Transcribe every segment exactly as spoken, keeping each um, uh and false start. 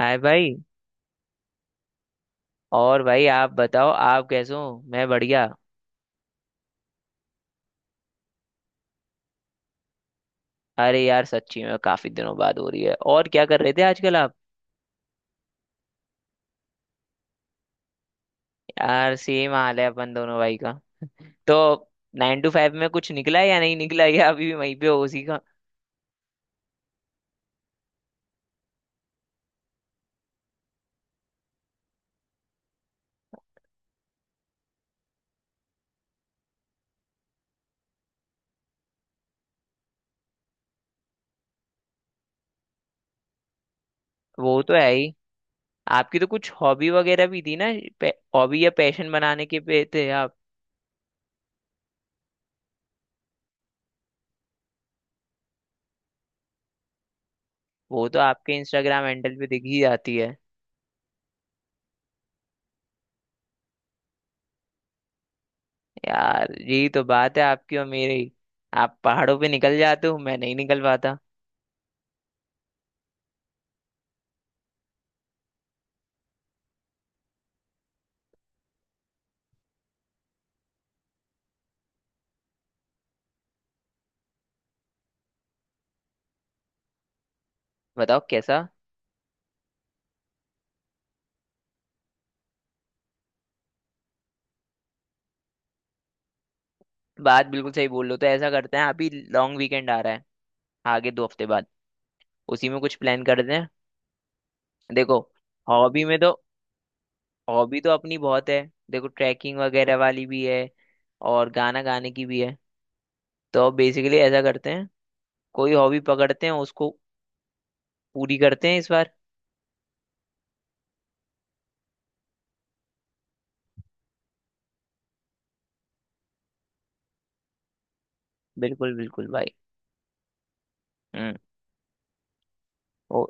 हाय भाई। और भाई आप बताओ, आप कैसे हो? मैं बढ़िया। अरे यार, सच्ची में काफी दिनों बाद हो रही है। और क्या कर रहे थे आजकल आप? यार, सेम हाल है अपन दोनों भाई का। तो नाइन टू फाइव में कुछ निकला है या नहीं निकला या अभी भी वहीं पे हो उसी का? वो तो है ही। आपकी तो कुछ हॉबी वगैरह भी थी ना? हॉबी या पैशन बनाने के पे थे आप? वो तो आपके इंस्टाग्राम हैंडल पे दिख ही जाती है। यार, यही तो बात है आपकी और मेरी। आप पहाड़ों पे निकल जाते हो, मैं नहीं निकल पाता। बताओ कैसा? बात बिल्कुल सही बोल रहे हो, तो ऐसा करते हैं, अभी लॉन्ग वीकेंड आ रहा है आगे दो हफ्ते बाद। उसी में कुछ प्लान करते हैं। देखो, हॉबी में तो हॉबी तो अपनी बहुत है। देखो, ट्रैकिंग वगैरह वाली भी है और गाना गाने की भी है। तो बेसिकली ऐसा करते हैं, कोई हॉबी पकड़ते हैं, उसको पूरी करते हैं इस बार। बिल्कुल बिल्कुल भाई। हम्म। ओ।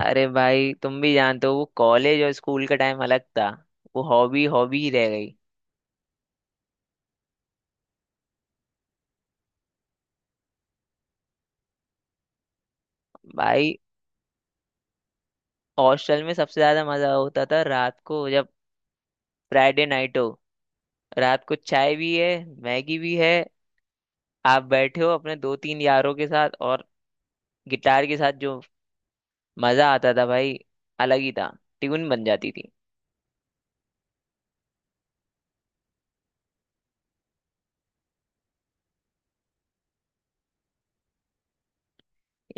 अरे भाई, तुम भी जानते हो वो कॉलेज और स्कूल का टाइम अलग था। वो हॉबी हॉबी ही रह गई। भाई, हॉस्टल में सबसे ज्यादा मजा होता था रात को, जब फ्राइडे नाइट हो, रात को चाय भी है, मैगी भी है, आप बैठे हो अपने दो तीन यारों के साथ और गिटार के साथ, जो मजा आता था भाई, अलग ही था। ट्यून बन जाती थी।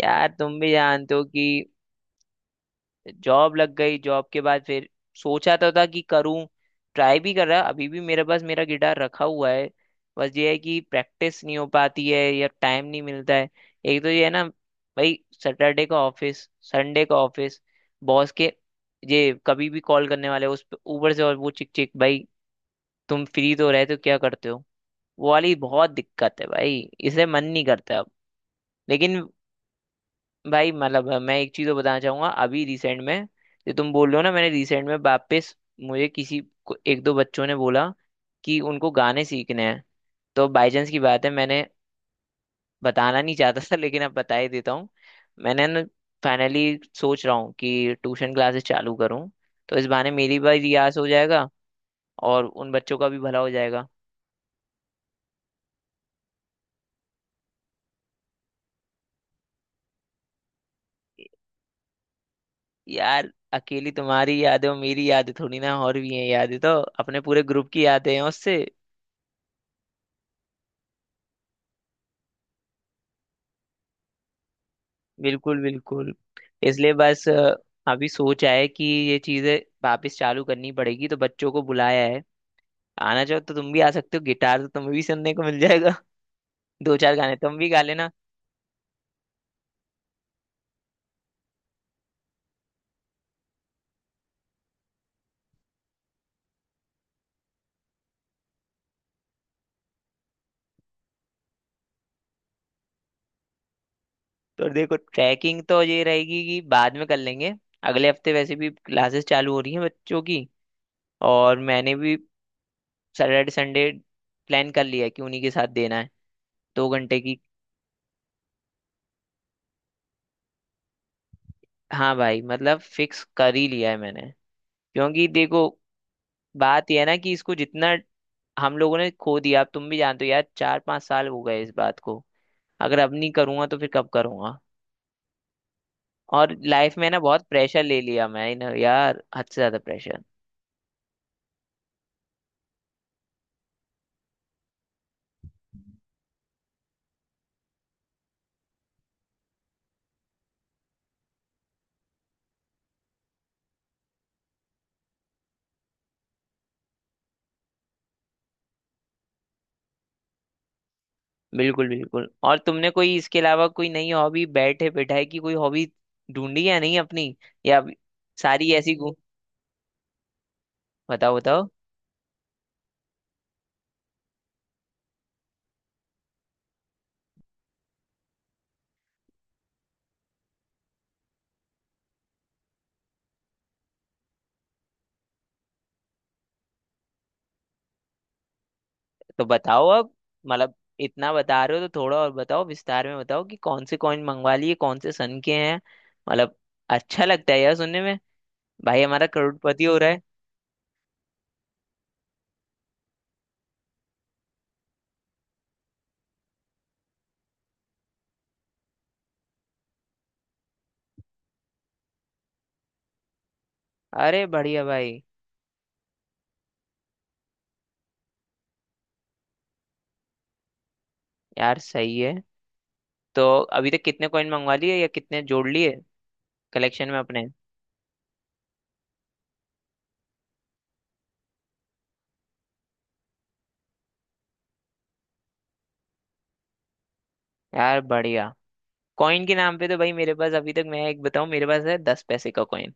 यार, तुम भी जानते हो कि जॉब लग गई, जॉब के बाद फिर सोचा तो था कि करूँ, ट्राई भी कर रहा। अभी भी मेरे पास मेरा गिटार रखा हुआ है, बस ये है कि प्रैक्टिस नहीं हो पाती है या टाइम नहीं मिलता है। एक तो ये है ना भाई, सैटरडे का ऑफिस, संडे का ऑफिस, बॉस के ये कभी भी कॉल करने वाले उस पे- ऊपर से और वो चिक चिक भाई, तुम फ्री तो रहे तो क्या करते हो? वो वाली बहुत दिक्कत है भाई, इसे मन नहीं करता अब। लेकिन भाई, मतलब मैं एक चीज तो बताना चाहूंगा अभी रिसेंट में। जो तुम बोल रहे हो ना, मैंने रिसेंट में वापस मुझे किसी को एक दो बच्चों ने बोला कि उनको गाने सीखने हैं। तो बाई चांस की बात है, मैंने बताना नहीं चाहता था लेकिन अब बता ही देता हूँ। मैंने ना फाइनली सोच रहा हूँ कि ट्यूशन क्लासेस चालू करूँ, तो इस बहाने मेरी भी रियाज हो जाएगा और उन बच्चों का भी भला हो जाएगा। यार, अकेली तुम्हारी यादें और मेरी यादें थोड़ी ना, और भी हैं यादें तो। अपने पूरे ग्रुप की यादें हैं उससे। बिल्कुल बिल्कुल। इसलिए बस अ, अभी सोच है कि ये चीजें वापस चालू करनी पड़ेगी, तो बच्चों को बुलाया है। आना चाहो तो तुम भी आ सकते हो, गिटार तो तुम्हें भी सुनने को मिल जाएगा दो चार गाने तुम भी गा लेना। तो देखो, ट्रैकिंग तो ये रहेगी कि बाद में कर लेंगे। अगले हफ्ते वैसे भी क्लासेस चालू हो रही हैं बच्चों की, और मैंने भी सैटरडे संडे प्लान कर लिया है कि उन्हीं के साथ देना है दो घंटे की। हाँ भाई, मतलब फिक्स कर ही लिया है मैंने। क्योंकि देखो, बात यह है ना कि इसको जितना हम लोगों ने खो दिया, अब तुम भी जानते हो यार, चार पांच साल हो गए इस बात को। अगर अब नहीं करूंगा तो फिर कब करूंगा? और लाइफ में ना बहुत प्रेशर ले लिया मैं ना यार, हद से ज्यादा प्रेशर। बिल्कुल बिल्कुल। और तुमने कोई इसके अलावा कोई नई हॉबी बैठे बिठाए की, कोई हॉबी ढूंढी या नहीं अपनी? या अभी सारी ऐसी गु- बताओ बताओ। तो बताओ अब, मतलब इतना बता रहे हो तो थोड़ा और बताओ, विस्तार में बताओ कि कौन से कॉइन मंगवा लिए, कौन से सन के हैं। मतलब अच्छा लगता है यार सुनने में, भाई हमारा करोड़पति हो। अरे बढ़िया भाई। यार सही है। तो अभी तक कितने कॉइन मंगवा लिए, या कितने जोड़ लिए कलेक्शन में अपने? यार बढ़िया। कॉइन के नाम पे तो भाई, मेरे पास अभी तक, मैं एक बताऊं, मेरे पास है दस पैसे का कॉइन।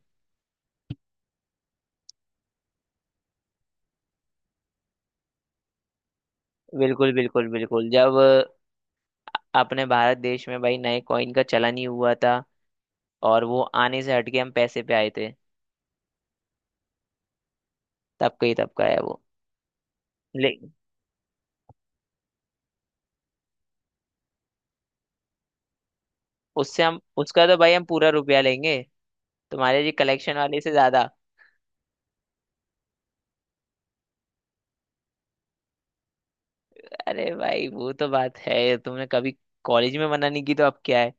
बिल्कुल बिल्कुल बिल्कुल, जब अपने भारत देश में भाई नए कॉइन का चलन ही हुआ था और वो आने से हटके हम पैसे पे आए थे, तब का ही तब का है वो। ले, उससे हम, उसका तो भाई हम पूरा रुपया लेंगे, तुम्हारे जी कलेक्शन वाले से ज्यादा। अरे भाई वो तो बात है, तुमने कभी कॉलेज में मना नहीं की तो अब क्या है।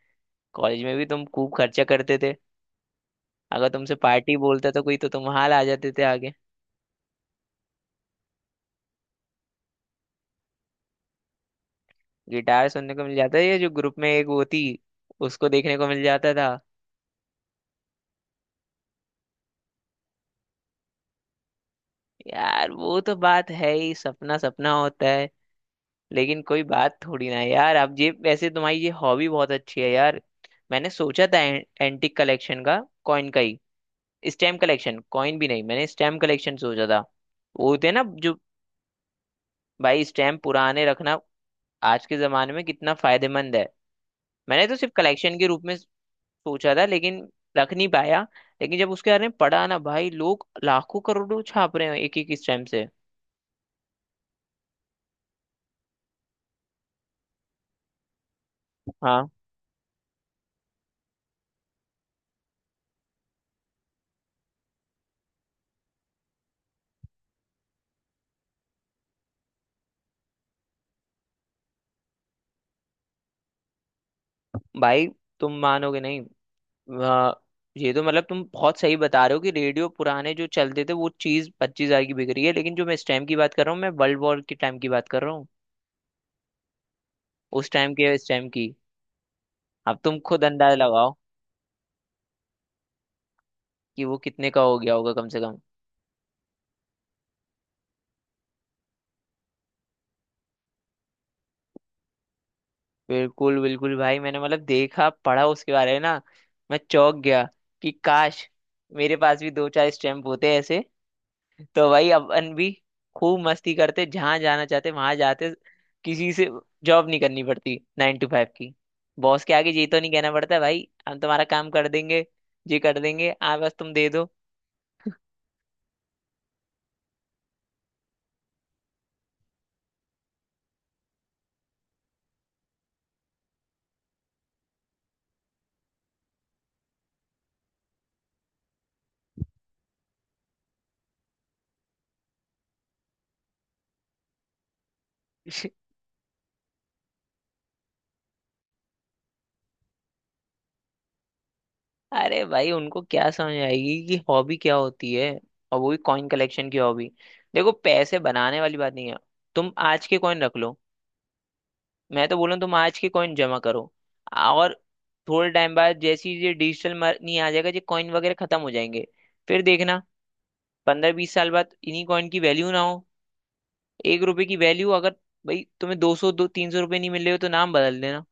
कॉलेज में भी तुम खूब खर्चा करते थे, अगर तुमसे पार्टी बोलता था कोई तो तुम हाल आ जाते थे आगे। गिटार सुनने को मिल जाता है, ये जो ग्रुप में एक वो थी, उसको देखने को मिल जाता था। यार वो तो बात है ही, सपना सपना होता है। लेकिन कोई बात थोड़ी ना है यार, अब ये वैसे तुम्हारी ये हॉबी बहुत अच्छी है यार। मैंने सोचा था एं, एंटिक कलेक्शन का, कॉइन का ही, स्टैम्प कलेक्शन, कॉइन भी नहीं, मैंने स्टैम्प कलेक्शन सोचा था। वो होते हैं ना जो, भाई स्टैम्प पुराने रखना आज के जमाने में कितना फायदेमंद है। मैंने तो सिर्फ कलेक्शन के रूप में सोचा था लेकिन रख नहीं पाया। लेकिन जब उसके बारे में पढ़ा ना भाई, लोग लाखों करोड़ों छाप रहे हैं एक एक स्टैम्प से। हाँ भाई, तुम मानोगे नहीं। वाह, ये तो मतलब तुम बहुत सही बता रहे हो कि रेडियो पुराने जो चलते थे वो चीज पच्चीस हजार की बिक रही है, लेकिन जो मैं स्टैम्प की बात कर रहा हूँ, मैं वर्ल्ड वॉर के टाइम की बात कर रहा हूँ, उस टाइम के स्टैम्प की। अब तुम खुद अंदाजा लगाओ कि वो कितने का हो गया होगा कम से कम। बिल्कुल बिल्कुल भाई, मैंने मतलब देखा पढ़ा उसके बारे में ना, मैं चौंक गया कि काश मेरे पास भी दो चार स्टैम्प होते ऐसे तो भाई अपन भी खूब मस्ती करते, जहां जाना चाहते वहां जाते, किसी से जॉब नहीं करनी पड़ती नाइन टू फाइव की। बॉस के आगे ये तो नहीं कहना पड़ता, भाई हम तुम्हारा काम कर देंगे, ये कर देंगे आ बस तुम दे दो अरे भाई, उनको क्या समझ आएगी कि हॉबी क्या होती है, और वो भी कॉइन कलेक्शन की हॉबी। देखो पैसे बनाने वाली बात नहीं है, तुम आज के कॉइन रख लो, मैं तो बोलूँ तुम आज की कॉइन जमा करो, और थोड़े टाइम बाद जैसे ही ये डिजिटल मनी आ जाएगा ये कॉइन वगैरह खत्म हो जाएंगे, फिर देखना। पंद्रह बीस साल बाद इन्हीं कॉइन की वैल्यू ना हो। एक रुपए की वैल्यू अगर, भाई तुम्हें दो सौ दो तीन सौ रुपये नहीं मिल रहे हो तो नाम बदल देना।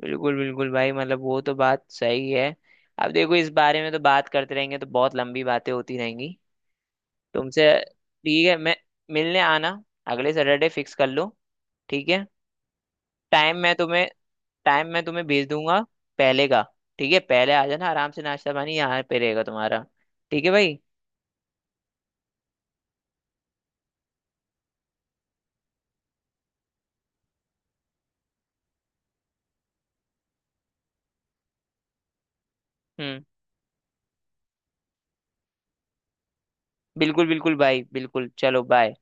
बिल्कुल बिल्कुल भाई, मतलब वो तो बात सही है। अब देखो, इस बारे में तो बात करते रहेंगे तो बहुत लंबी बातें होती रहेंगी तुमसे। ठीक है, मैं मिलने आना, अगले सैटरडे फिक्स कर लो, ठीक है? टाइम मैं तुम्हें टाइम मैं तुम्हें भेज दूंगा पहले का। ठीक है, पहले आ जाना आराम से, नाश्ता पानी यहाँ पे रहेगा तुम्हारा। ठीक है भाई। हम्म। बिल्कुल बिल्कुल भाई, बिल्कुल, चलो बाय।